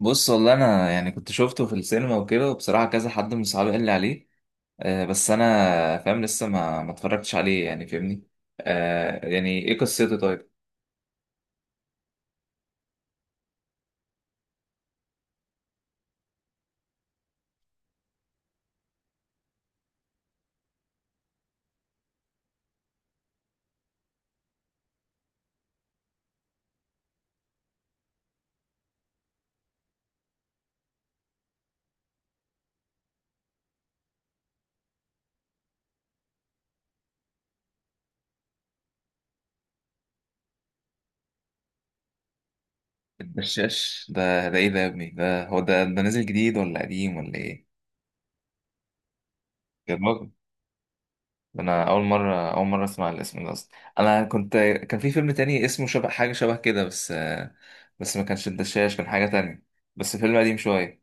بص والله انا يعني كنت شفته في السينما وكده وبصراحه كذا حد من صحابي قال لي عليه. آه، بس انا فاهم، لسه ما اتفرجتش عليه يعني فاهمني. آه، يعني ايه قصته طيب؟ الدشاش ده، ايه ده يا ابني؟ ده هو ده، ده نازل جديد ولا قديم ولا ايه؟ جربه. ده انا اول مره اسمع الاسم ده اصلا. انا كنت، كان في فيلم تاني اسمه شبه حاجه شبه كده بس بس ما كانش الدشاش، كان حاجه تانية، بس فيلم قديم شويه.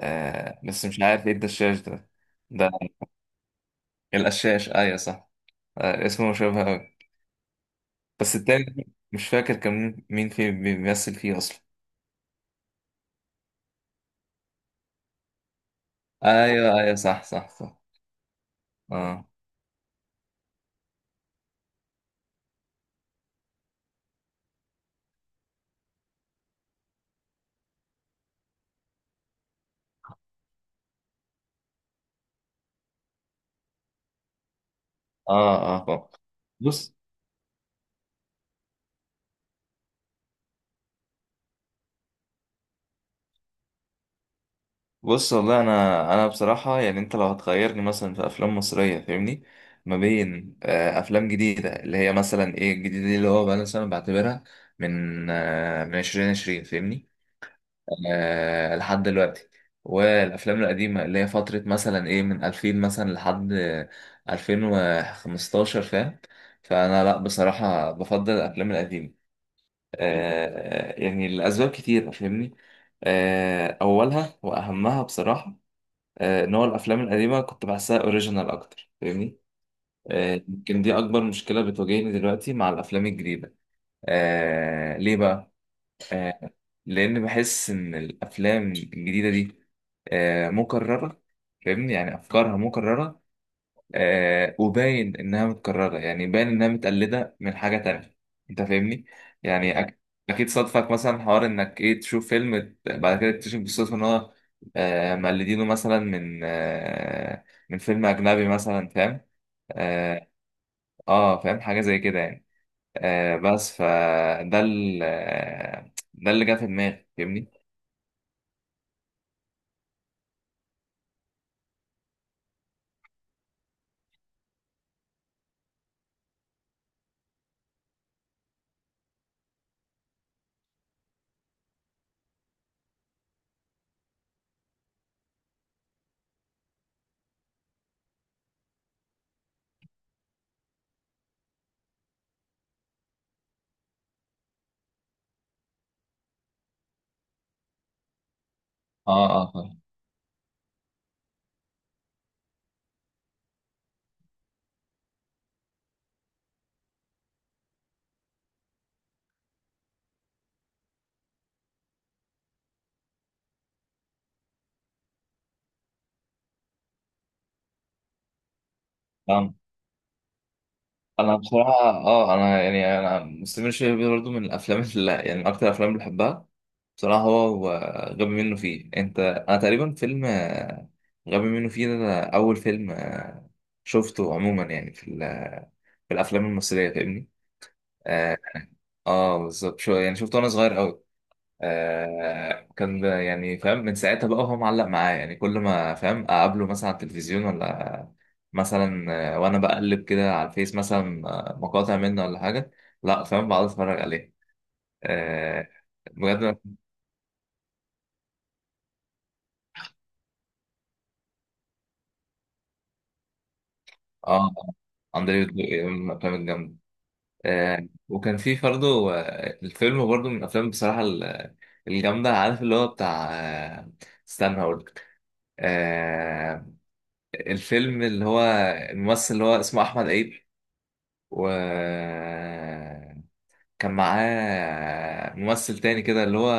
بس مش عارف ايه الدشاش ده. ده القشاش، ايوه صح. اسمه مشابه أوي. بس التاني مش فاكر كان مين فيه، بيمثل فيه أصلا. أيوه أيوه، صح صح صح. آه آه آه آه. بص بص والله، أنا بصراحة يعني، أنت لو هتخيرني مثلا في أفلام مصرية فاهمني، ما بين أفلام جديدة اللي هي مثلا إيه الجديدة دي، اللي هو بقى مثلا بعتبرها من من عشرين عشرين فاهمني، آه، لحد دلوقتي، والافلام القديمه اللي هي فتره مثلا ايه من 2000 مثلا لحد 2015 فاهم. فانا لا بصراحه بفضل الافلام القديمه، آه، يعني لاسباب كتير فاهمني. آه، اولها واهمها بصراحه، آه، ان هو الافلام القديمه كنت بحسها اوريجينال اكتر فاهمني. يمكن دي اكبر مشكله بتواجهني دلوقتي مع الافلام الجديده. آه، ليه بقى؟ آه، لان بحس ان الافلام الجديده دي، مكرره فاهمني، يعني افكارها مكرره. وباين انها متكرره، يعني باين انها متقلده من حاجه تانية، انت فاهمني. يعني اكيد صادفك مثلا حوار انك ايه، تشوف فيلم بعد كده تكتشف بالصدفه ان هو، مقلدينه مثلا من من فيلم اجنبي مثلا فاهم. اه، فاهم حاجه زي كده يعني. بس فده ال- آه، ده اللي جه في دماغي فاهمني. اه اه، فاهم فاهم. انا بصراحه اه، انا يعني انا مستمر شويه بيه برضه من الافلام اللي يعني من اكتر الافلام اللي بحبها بصراحه، هو هو غبي منه فيه. انت انا تقريبا فيلم غبي منه فيه ده، ده اول فيلم شفته عموما يعني في في الافلام المصريه فاهمني. اه، بالظبط، شو يعني شفته وانا صغير قوي. آه، كان يعني فاهم، من ساعتها بقى هو معلق معايا يعني. كل ما فاهم اقابله مثلا على التلفزيون ولا مثلا، وانا بقلب كده على الفيس مثلا مقاطع منه ولا حاجه، لا فاهم بقعد اتفرج عليه. آه بجد. اه، اندريو الدقي من الافلام الجامده. آه، وكان في برضه، الفيلم برضه من الافلام بصراحه الجامده، عارف اللي هو بتاع آه، استنى هقول لك. آه، الفيلم اللي هو الممثل اللي هو اسمه احمد عيد، وكان معاه ممثل تاني كده اللي هو،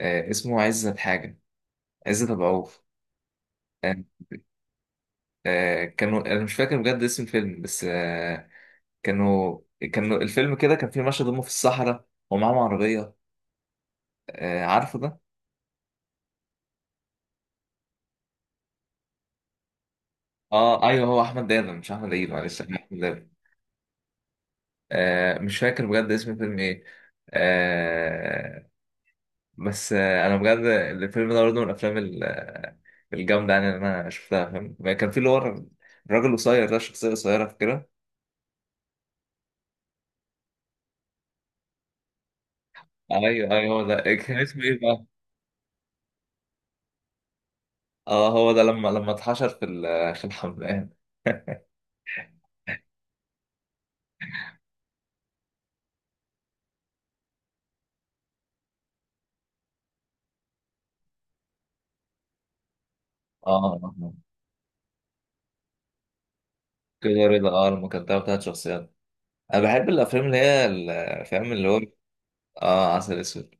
اسمه عزت حاجة، عزت أبو عوف. آه، آه، كانوا، أنا مش فاكر بجد اسم الفيلم بس كانوا كانوا الفيلم كده كان فيه مشهد هما في الصحراء ومعاهم عربية، آه، عارفه ده؟ اه ايوه، هو احمد دادا مش احمد عيد، معلش، أنا احمد دادا. مش فاكر بجد اسم الفيلم ايه، آه، بس انا بجد الفيلم ده برضه من الافلام الجامدة يعني اللي أنا شفتها فاهم. يعني كان في اللي هو الراجل القصير ده، الشخصية القصيرة، فاكرها؟ أيوه أيوه، هو ده كان اسمه إيه بقى؟ أه، هو ده لما اتحشر في في الحمام. اه كده رضا، اه، لما كان بتاع بتاعت شخصيات. انا بحب الافلام اللي هي فاهم اللي هو. اه، عسل اسود.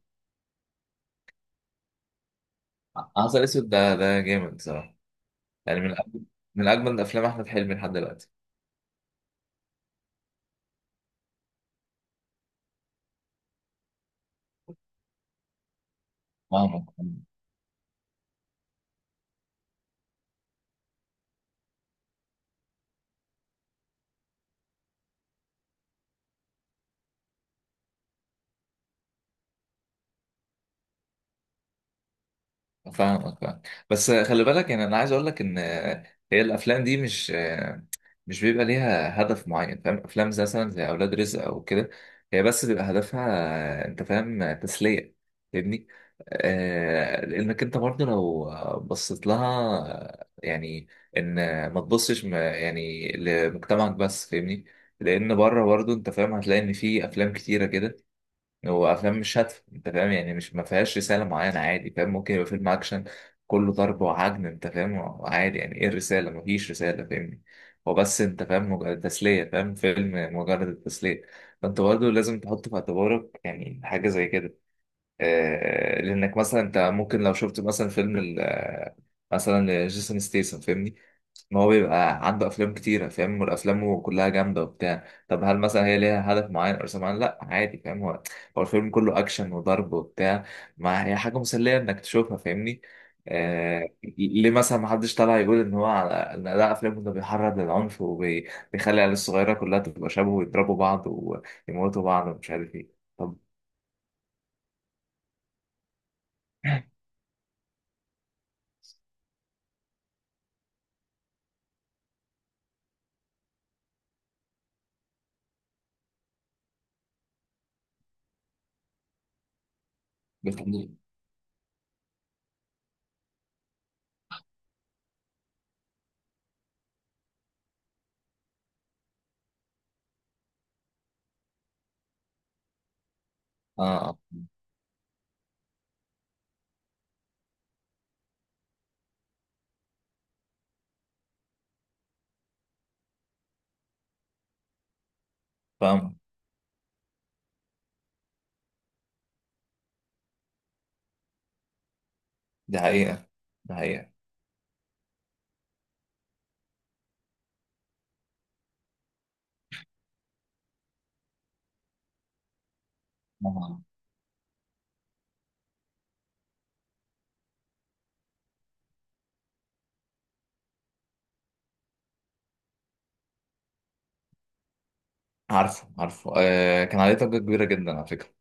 عسل اسود ده، ده جامد صراحه. يعني من أجمل، من اجمل افلام احمد حلمي لحد دلوقتي. فاهمك فاهمك فاهمك بس خلي بالك. يعني انا عايز اقول لك ان هي الافلام دي مش، مش بيبقى ليها هدف معين فاهم. افلام زي مثلا زي اولاد رزق او كده، هي بس بيبقى هدفها انت فاهم، تسليه فاهمني. آه، لانك انت برضه لو بصيت لها يعني ان، ما تبصش يعني لمجتمعك بس فاهمني. لان بره برضه انت فاهم هتلاقي ان في افلام كتيره كده، هو افلام مش هادفه انت فاهم. يعني مش ما فيهاش رساله معينه عادي فاهم، ممكن يبقى فيلم اكشن كله ضرب وعجن انت فاهم. عادي، يعني ايه الرساله؟ ما فيش رساله فاهمني. هو بس انت فاهم مجرد تسليه، فاهم؟ فيلم مجرد التسليه، فانت برضه لازم تحط في اعتبارك يعني حاجه زي كده. لانك مثلا انت ممكن لو شفت مثلا فيلم مثلا جيسون ستيسن فاهمني، ان هو بيبقى عنده افلام كتيره فاهم، وافلامه كلها جامده وبتاع. طب هل مثلا هي ليها هدف معين او رسالة معينه؟ لا عادي فاهم، هو هو الفيلم كله اكشن وضرب وبتاع، ما هي حاجه مسليه انك تشوفها فاهمني. آه، ليه مثلا ما حدش طالع يقول ان هو على ان ده افلامه ده بيحرض للعنف وبيخلي العيال الصغيره كلها تبقى شبه ويضربوا بعض ويموتوا بعض ومش عارف ايه؟ طب. اه آه. فاهم. دي حقيقة، دي حقيقة. آه. عارفه عارفه، آه، كان عليه ضجة كبيرة جدا على فكرة.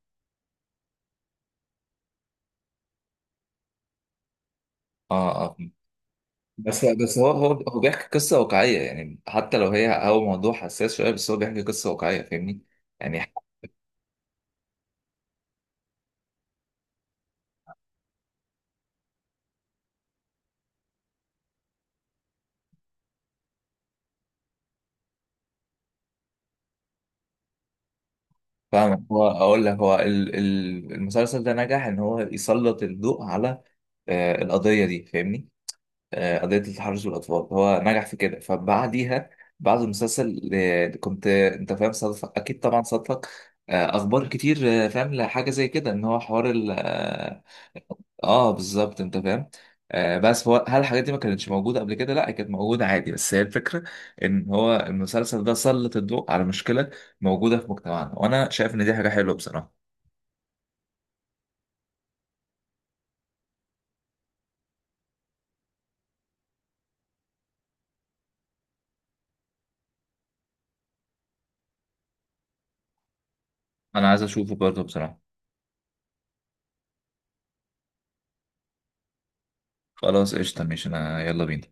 اه اه، بس هو هو بيحكي قصة واقعية يعني. حتى لو هي هو موضوع حساس شوية، بس هو بيحكي قصة واقعية فاهمني. يعني فاهم، هو اقول لك، هو المسلسل ده نجح ان هو يسلط الضوء على آه القضية دي فاهمني. آه، قضية التحرش بالأطفال، هو نجح في كده. فبعديها، بعد المسلسل كنت أنت فاهم صادف، أكيد طبعا صادفك أخبار كتير، فاهم لحاجة زي كده، إن هو حوار ال آه. بالظبط، أنت فاهم. آه، بس هو هل الحاجات دي ما كانتش موجودة قبل كده؟ لا، هي كانت موجودة عادي، بس هي الفكرة إن هو المسلسل ده سلط الضوء على مشكلة موجودة في مجتمعنا، وأنا شايف إن دي حاجة حلوة بصراحة. أنا عايز أشوفه برضه بصراحة. خلاص قشطة ماشي، أنا يلا بينا.